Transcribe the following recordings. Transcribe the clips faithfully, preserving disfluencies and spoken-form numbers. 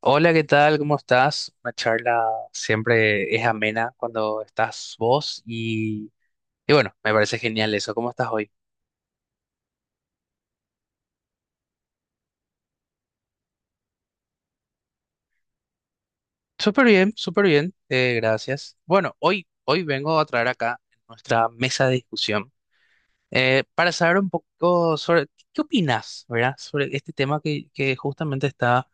Hola, ¿qué tal? ¿Cómo estás? Una charla siempre es amena cuando estás vos y, y bueno, me parece genial eso. ¿Cómo estás hoy? Súper bien, súper bien, eh, gracias. Bueno, hoy, hoy vengo a traer acá nuestra mesa de discusión eh, para saber un poco sobre qué qué opinas, ¿verdad? Sobre este tema que, que justamente está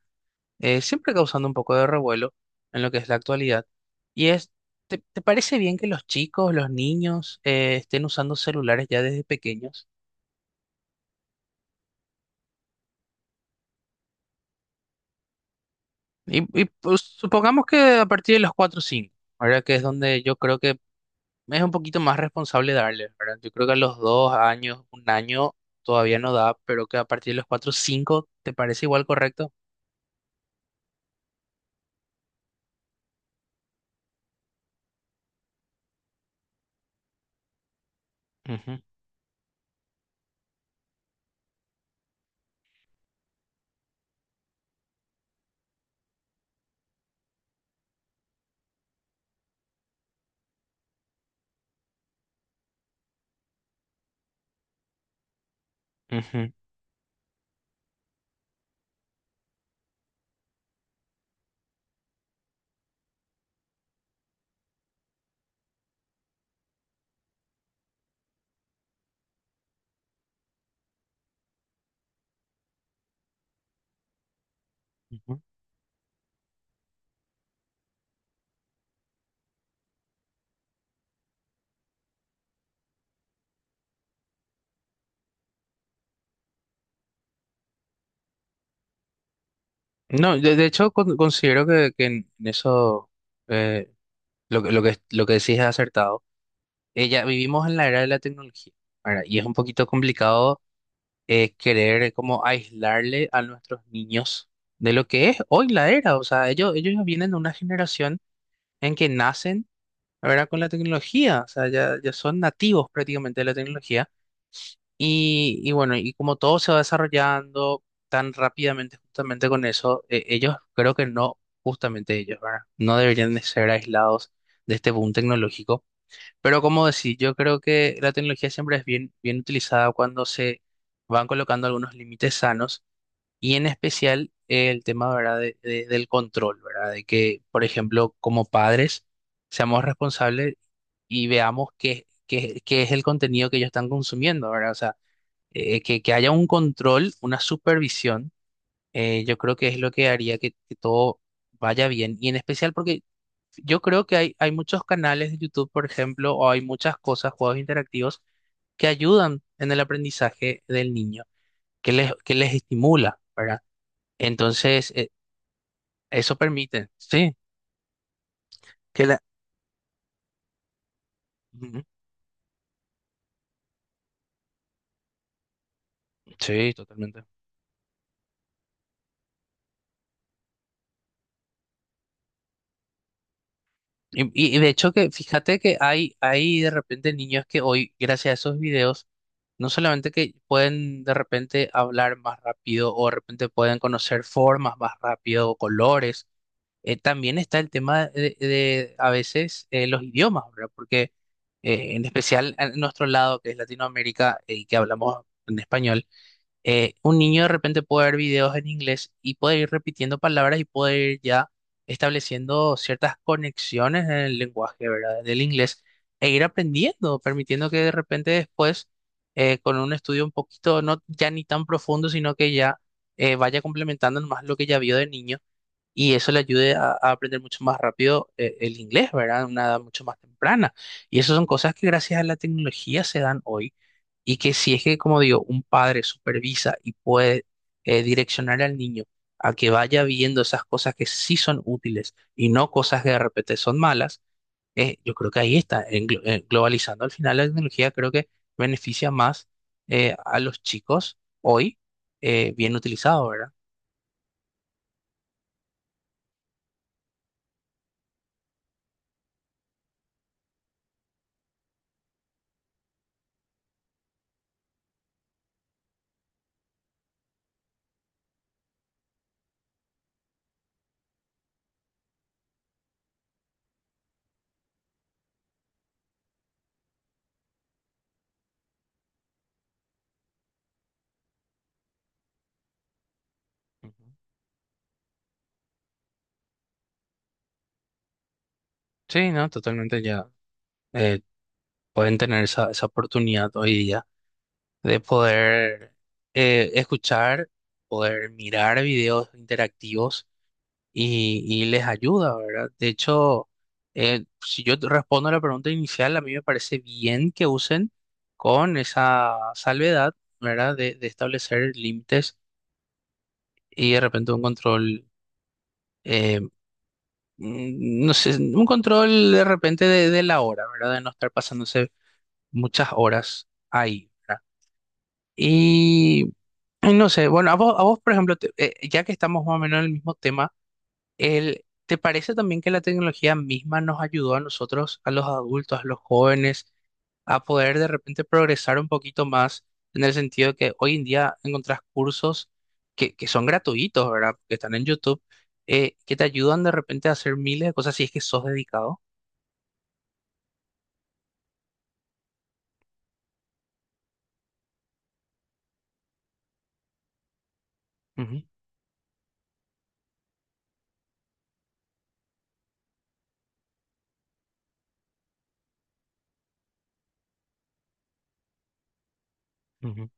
eh, siempre causando un poco de revuelo en lo que es la actualidad. Y es, ¿te, te parece bien que los chicos, los niños eh, estén usando celulares ya desde pequeños? Y, y, pues, supongamos que a partir de los cuatro o cinco, ¿verdad? Que es donde yo creo que es un poquito más responsable darle, ¿verdad? Yo creo que a los dos años, un año todavía no da, pero que a partir de los cuatro o cinco, ¿te parece igual correcto? Ujú, ujú, ujú. No, de, de hecho con- considero que, que en eso eh, lo, que- lo que lo que decís es acertado. Eh, ya vivimos en la era de la tecnología, ¿verdad? Y es un poquito complicado eh, querer como aislarle a nuestros niños de lo que es hoy la era. O sea, ellos, ellos ya vienen de una generación en que nacen, ¿verdad?, con la tecnología. O sea, ya, ya son nativos prácticamente de la tecnología. Y, y bueno, y como todo se va desarrollando tan rápidamente justamente con eso, eh, ellos creo que no, justamente ellos, ¿verdad? No deberían de ser aislados de este boom tecnológico, pero como decir yo creo que la tecnología siempre es bien, bien utilizada cuando se van colocando algunos límites sanos y en especial eh, el tema, ¿verdad?, de- de- del control, ¿verdad? De que, por ejemplo, como padres seamos responsables y veamos qué, qué- qué es el contenido que ellos están consumiendo, ¿verdad? O sea, eh, que, que haya un control, una supervisión. Eh, yo creo que es lo que haría que, que todo vaya bien y en especial porque yo creo que hay, hay muchos canales de YouTube, por ejemplo, o hay muchas cosas, juegos interactivos, que ayudan en el aprendizaje del niño, que les, que les estimula, ¿verdad? Entonces, eh, eso permite, sí, que la... Ujú. Sí, totalmente. Y, y- y de hecho que, fíjate que hay, hay de repente niños que hoy, gracias a esos videos, no solamente que pueden de repente hablar más rápido o de repente pueden conocer formas más rápido o colores, eh, también está el tema de, de, a veces eh, los idiomas, ¿verdad? Porque eh, en especial en nuestro lado, que es Latinoamérica, eh, y que hablamos en español, eh, un niño de repente puede ver videos en inglés y puede ir repitiendo palabras y puede ir ya estableciendo ciertas conexiones en el lenguaje, ¿verdad? Del inglés e ir aprendiendo, permitiendo que de repente después, eh, con un estudio un poquito, no ya ni tan profundo, sino que ya eh, vaya complementando más lo que ya vio de niño y eso le ayude a, a aprender mucho más rápido eh, el inglés, ¿verdad? A una edad mucho más temprana. Y esas son cosas que gracias a la tecnología se dan hoy y que si es que, como digo, un padre supervisa y puede eh, direccionar al niño a que vaya viendo esas cosas que sí son útiles y no cosas que de repente son malas. Eh, yo creo que ahí está, en glo- eh, globalizando al final la tecnología creo que beneficia más eh, a los chicos hoy eh, bien utilizado, ¿verdad? Ujú. Sí, no, totalmente ya. Pueden tener esa, esa oportunidad hoy día de poder eh, escuchar, poder mirar videos interactivos y, y les ayuda, ¿verdad? De hecho, eh, si yo te respondo a la pregunta inicial, a mí me parece bien que usen con esa salvedad, ¿verdad? De, de establecer límites y de repente un control. eh, mm, No sé, un control de repente de, de la hora, ¿verdad? De no estar pasándose muchas horas ahí, ¿verdad? Y ay, no sé, bueno, a vos, a vos por ejemplo, te- eh, ya que estamos más o menos en el mismo tema, el, ¿te parece también que la tecnología misma nos ayudó a nosotros, a los adultos, a los jóvenes, a poder de repente progresar un poquito más en el sentido de que hoy en día encontrás cursos que, que son gratuitos, ¿verdad? Que están en YouTube, eh, que te ayudan de repente a hacer miles de cosas si es que sos dedicado? Ujú, ujú,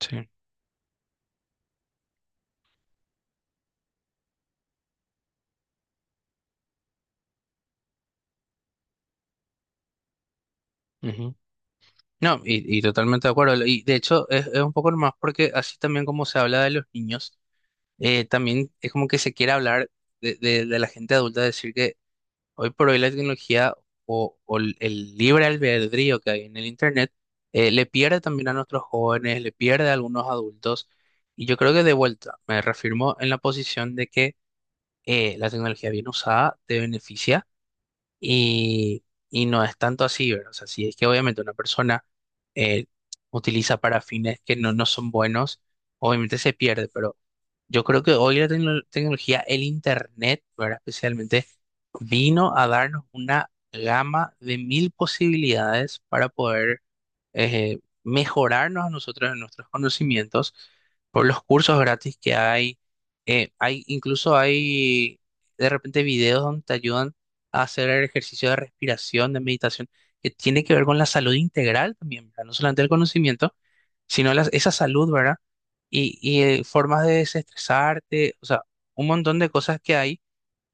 sí, ujú. No, y, y totalmente de acuerdo. Y de hecho es, es un poco más porque así también como se habla de los niños. Eh, también es como que se quiere hablar de, de- de la gente adulta, decir que hoy por hoy la tecnología o, o el el libre albedrío que hay en el Internet eh, le pierde también a nuestros jóvenes, le pierde a algunos adultos. Y yo creo que de vuelta me reafirmo en la posición de que eh, la tecnología bien usada te beneficia y, y no es tanto así, ¿verdad? O sea, si es que obviamente una persona eh, utiliza para fines que no, no son buenos, obviamente se pierde, pero yo creo que hoy la tecno- tecnología, el Internet, ¿verdad? Especialmente, vino a darnos una gama de mil posibilidades para poder eh, mejorarnos a nosotros en nuestros conocimientos por los cursos gratis que hay. Eh, hay, incluso hay de repente videos donde te ayudan a hacer ejercicio de respiración, de meditación, que tiene que ver con la salud integral también, ¿verdad? No solamente el conocimiento, sino las- esa salud, ¿verdad? Y, y eh, formas de desestresarte, o sea, un montón de cosas que hay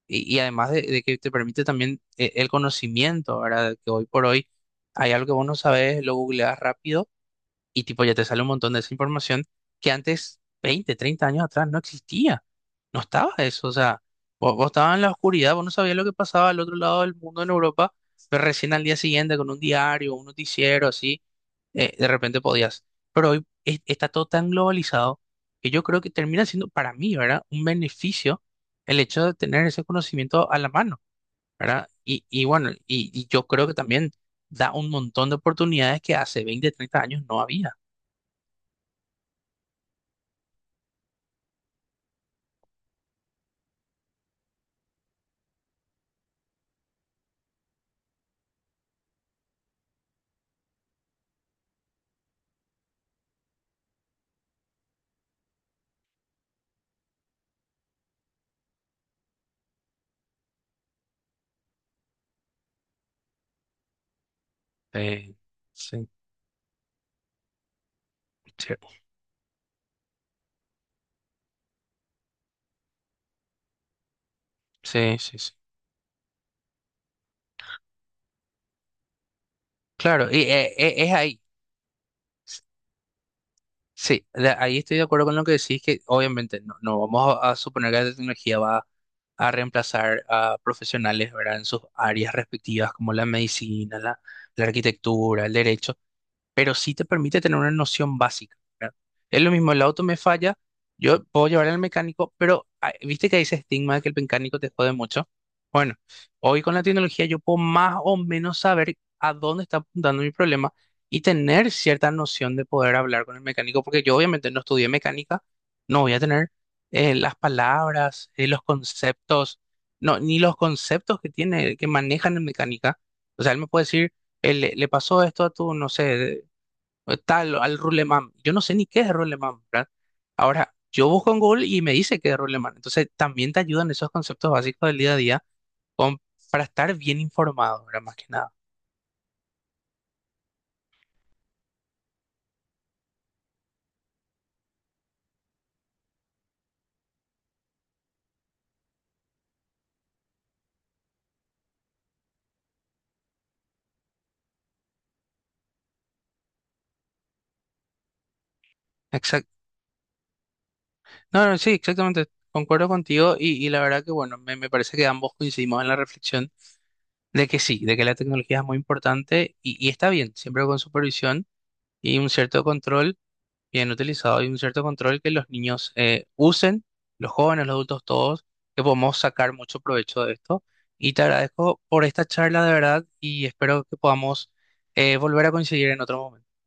y, y además de, de que te permite también eh, el conocimiento, ¿verdad? Que hoy por hoy hay algo que vos no sabes, lo googleas rápido y tipo ya te sale un montón de esa información que antes, veinte treinta años atrás, no existía. No estaba eso. O sea, vos, vos estabas en la oscuridad, vos no sabías lo que pasaba al otro lado del mundo en Europa, pero recién al día siguiente con un diario, un noticiero, así eh, de repente podías. Pero hoy es- está todo tan globalizado que yo creo que termina siendo para mí, ¿verdad?, un beneficio el hecho de tener ese conocimiento a la mano, ¿verdad? Y, y bueno, y, y yo creo que también da un montón de oportunidades que hace veinte treinta años no había. Eh, sí, sí, sí, sí, sí. Claro, y, eh, eh, es ahí. Sí, de- ahí estoy de acuerdo con lo que decís, que obviamente no, no vamos a, a suponer que la tecnología va a reemplazar a profesionales, ¿verdad? En sus áreas respectivas, como la medicina, la, la arquitectura, el derecho, pero sí te permite tener una noción básica, ¿verdad? Es lo mismo, el auto me falla, yo puedo llevar al mecánico, pero ah, viste que hay ese estigma de que el mecánico te jode mucho. Bueno, hoy con la tecnología yo puedo más o menos saber a dónde está apuntando mi problema y tener cierta noción de poder hablar con el mecánico, porque yo obviamente no estudié mecánica, no voy a tener eh, las palabras, eh, los conceptos, no, ni los conceptos que tiene, que manejan en mecánica. O sea, él me puede decir eh, le, le pasó esto a tu, no sé, tal, al Ruleman. Yo no sé ni qué es Ruleman, ¿verdad? Ahora, yo busco en Google y me dice qué es Ruleman. Entonces, también te ayudan esos conceptos básicos del día a día con- para estar bien informado, ¿verdad? Más que nada. Exacto. No, no, sí, exactamente. Concuerdo contigo y, y la verdad que, bueno, me, me parece que ambos coincidimos en la reflexión de que sí, de que la tecnología es muy importante y, y está bien, siempre con supervisión y un cierto control. Bien utilizado y un cierto control que los niños eh, usen, los jóvenes, los adultos, todos, que podemos sacar mucho provecho de esto. Y te agradezco por esta charla de verdad y espero que podamos eh, volver a coincidir en otro momento.